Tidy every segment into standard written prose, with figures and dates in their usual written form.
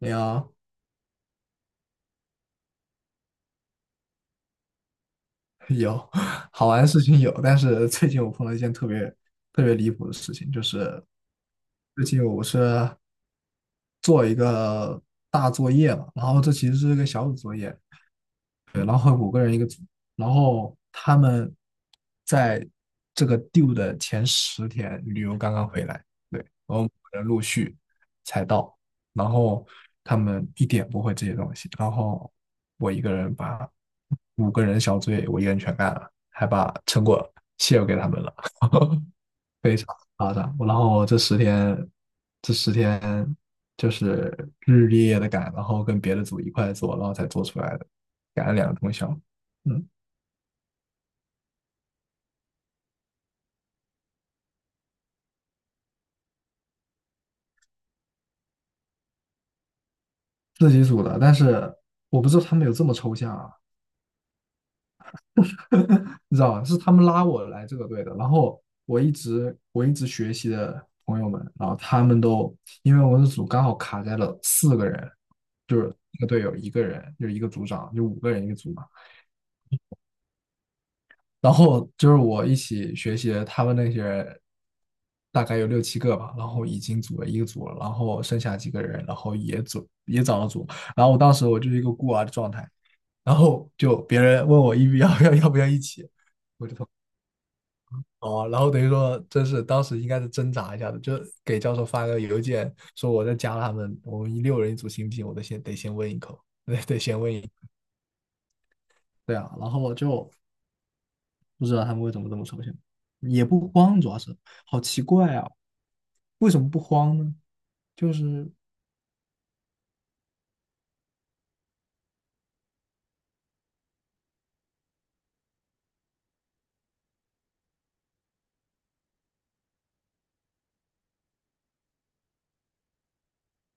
有有 好玩的事情有，但是最近我碰到一件特别特别离谱的事情，就是最近我是做一个大作业嘛，然后这其实是个小组作业，对，然后五个人一个组，然后他们在这个 due 的前十天旅游刚刚回来，对，然后人陆续才到，然后他们一点不会这些东西，然后我一个人把五个人小组也我一个人全干了，还把成果 share 给他们了，非常夸张。然后这十天，这十天就是日日夜夜的赶，然后跟别的组一块做，然后才做出来的，赶了两个通宵。嗯，自己组的，但是我不知道他们有这么抽象啊，你知道吧？是他们拉我来这个队的，然后我一直学习的朋友们，然后他们都因为我们的组刚好卡在了四个人，一个队友一个人，就一个组长，就五个人一个组嘛。然后就是我一起学习的他们那些人，大概有六七个吧，然后已经组了一个组了，然后剩下几个人，然后也组也找了组，然后我当时我就是一个孤儿的状态，然后就别人问我一不要 要不要一起，哦，然后等于说真是当时应该是挣扎一下的，就给教授发个邮件说我在加他们，我们一六人一组行不行？我得先问一口，得先问一，对啊，然后我就不知道他们为什么这么抽象，也不慌，主要是好奇怪啊，为什么不慌呢？就是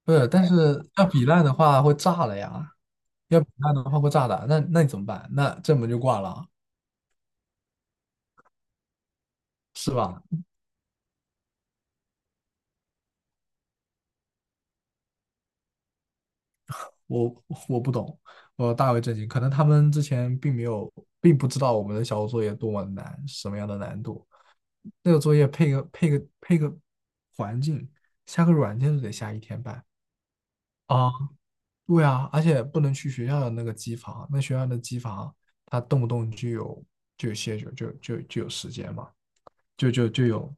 不是，但是要比烂的话会炸了呀，要比烂的话会炸的，那你怎么办？那这门就挂了，是吧？我不懂，我大为震惊，可能他们之前并没有，并不知道我们的小组作业多么难，什么样的难度，那个作业配个环境，下个软件都得下一天半。啊。对啊，而且不能去学校的那个机房，那学校的机房，它动不动就有时间嘛，就就就有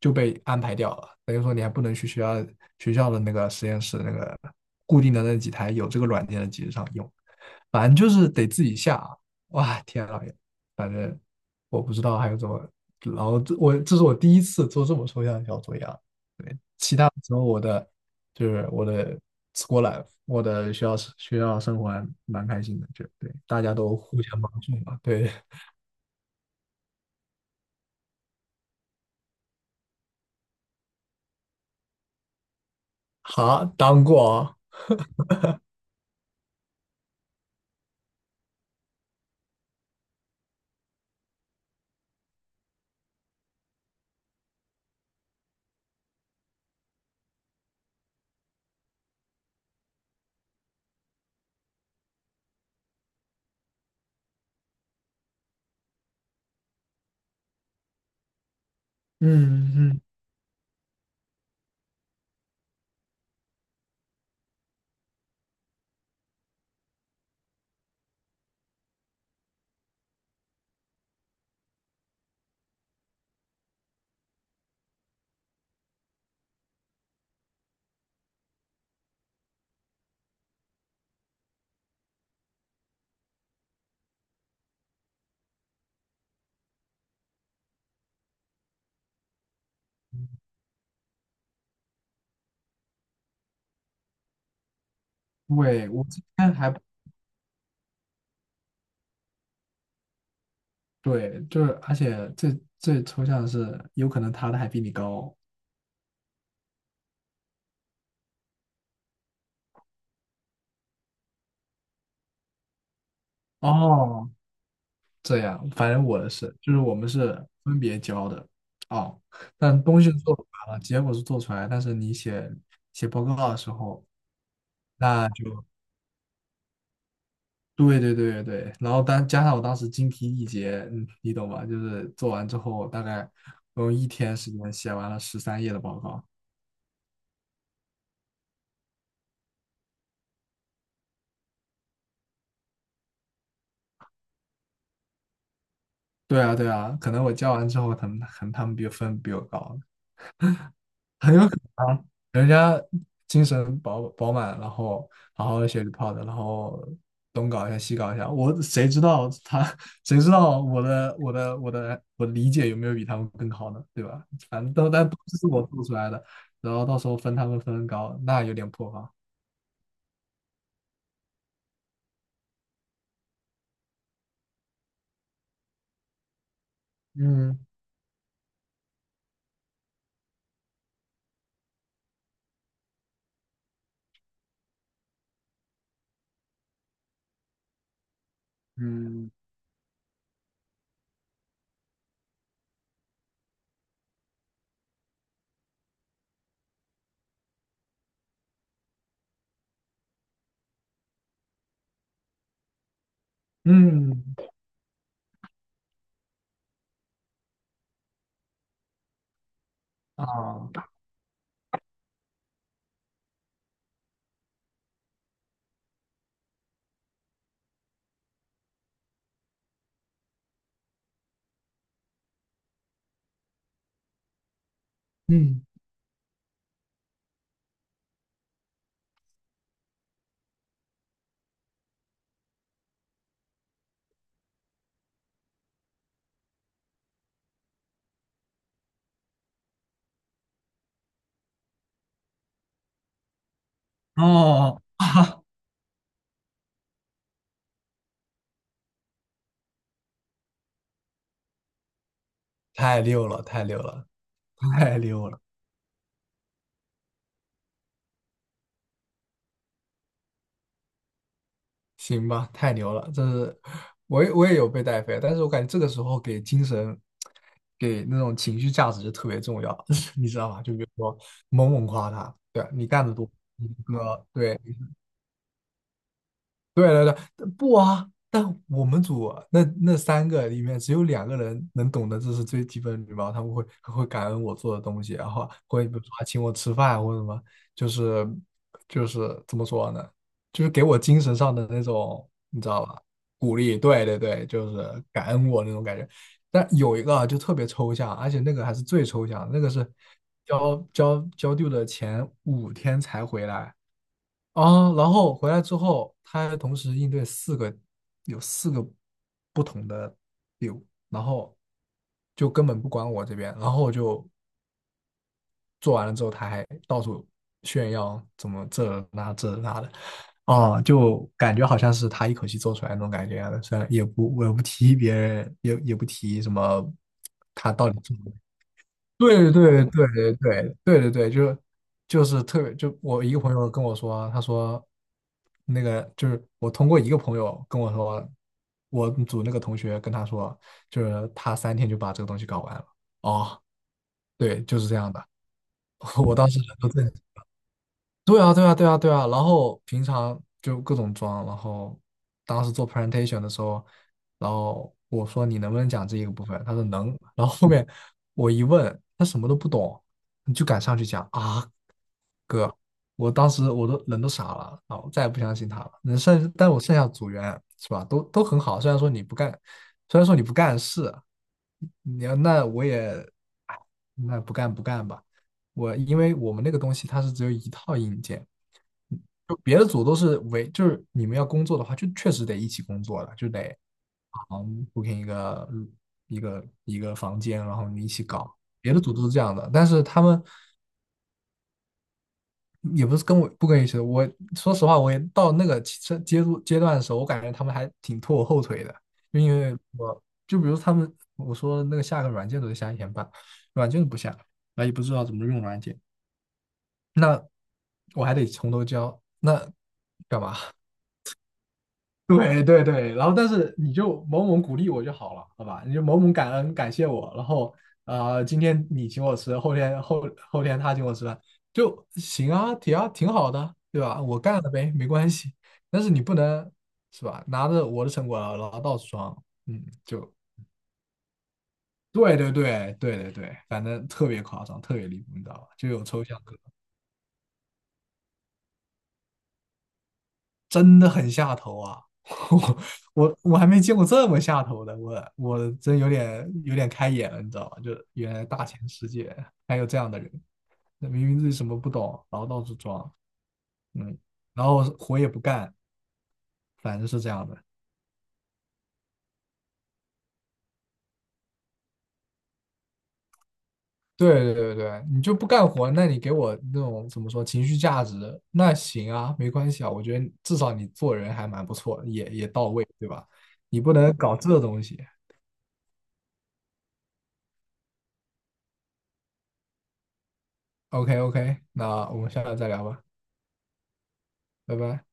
就被安排掉了。等于说你还不能去学校的那个实验室那个固定的那几台有这个软件的机子上用，反正就是得自己下。哇，天啊，反正我不知道还有怎么，然后这是我第一次做这么抽象的小作业啊。对，然后我的 school life，我的学校生活还蛮开心的，就对，大家都互相帮助嘛，对，好，当过啊。嗯嗯，对，我今天还对，就是而且最最抽象的是，有可能他的还比你高。哦，哦这样，反正我的是，就是我们是分别交的。哦，但东西是做出来了，结果是做出来，但是你写报告的时候。那就。对对对对，然后当加上我当时精疲力竭，嗯，你懂吧？就是做完之后，大概我用一天时间写完了13页的报告。对啊对啊，可能我交完之后，他们可能他们比分比我高，很有可能啊，人家精神饱满，然后好好的学习泡 t 然后东搞一下西搞一下，我谁知道他，谁知道我的理解有没有比他们更好呢？对吧？反正都但都是我做出来的，然后到时候分他们分高，那有点破防。嗯嗯嗯。啊。嗯。哦，太溜了，太溜了，太溜了。行吧，太牛了！这是我也有被带飞，但是我感觉这个时候给精神、给那种情绪价值就特别重要，你知道吧？就比如说猛猛夸他，对啊，你干得多，你这个对。对对对，不啊，但我们组啊那三个里面只有两个人能懂得这是最基本的礼貌，他们会感恩我做的东西，然后会比如说还请我吃饭或者什么，就是就是怎么说呢，就是给我精神上的那种，你知道吧？鼓励，对对对，就是感恩我那种感觉。但有一个啊就特别抽象，而且那个还是最抽象的那个是交丢的前5天才回来。啊，然后回来之后，他还同时应对四个，有四个不同的 VIE 然后就根本不管我这边，然后我就做完了之后，他还到处炫耀怎么这那这那的，啊，就感觉好像是他一口气做出来那种感觉一样的，虽然也不我也不提别人，也不提什么他到底做。对对对对对对对对，就是特别，就我一个朋友跟我说，他说那个就是我通过一个朋友跟我说，我组那个同学跟他说，就是他3天就把这个东西搞完了。哦，对，就是这样的，我当时人都震对啊，对啊，对啊，对啊。然后平常就各种装，然后当时做 presentation 的时候，然后我说你能不能讲这一个部分？他说能。然后后面我一问，他什么都不懂，你就敢上去讲啊，哥！我当时都人都傻了，啊！我再也不相信他了。能剩，但我剩下组员是吧，都很好。虽然说你不干，虽然说你不干事，你要那我也，哎，那不干吧。我因为我们那个东西它是只有一套硬件。就别的组都是为，就是你们要工作的话，就确实得一起工作了，就得booking 一个嗯一个一个房间，然后你一起搞。别的组都是这样的，但是他们也不是不跟我一起的。我说实话，我也到那个阶段的时候，我感觉他们还挺拖我后腿的，就因为我就比如他们我说那个下个软件都得下一天半，软件都不下，那也不知道怎么用软件，那我还得从头教，那干嘛？对对对，然后但是你就某某鼓励我就好了，好吧？你就某某感恩感谢我，然后今天你请我吃，后天他请我吃饭，就行啊，挺好的，对吧？我干了呗，没关系。但是你不能是吧？拿着我的成果然后到处装，嗯，就对对对对对对，反正特别夸张，特别离谱，你知道吧？就有抽象。真的很下头啊！我我还没见过这么下头的，我真有点开眼了，你知道吧，就原来大千世界还有这样的人，那明明自己什么不懂，然后到处装，嗯，然后活也不干，反正是这样的。对对对对，你就不干活，那你给我那种怎么说情绪价值，那行啊，没关系啊，我觉得至少你做人还蛮不错，也到位，对吧？你不能搞这东西。OK OK，那我们下次再聊吧，拜拜。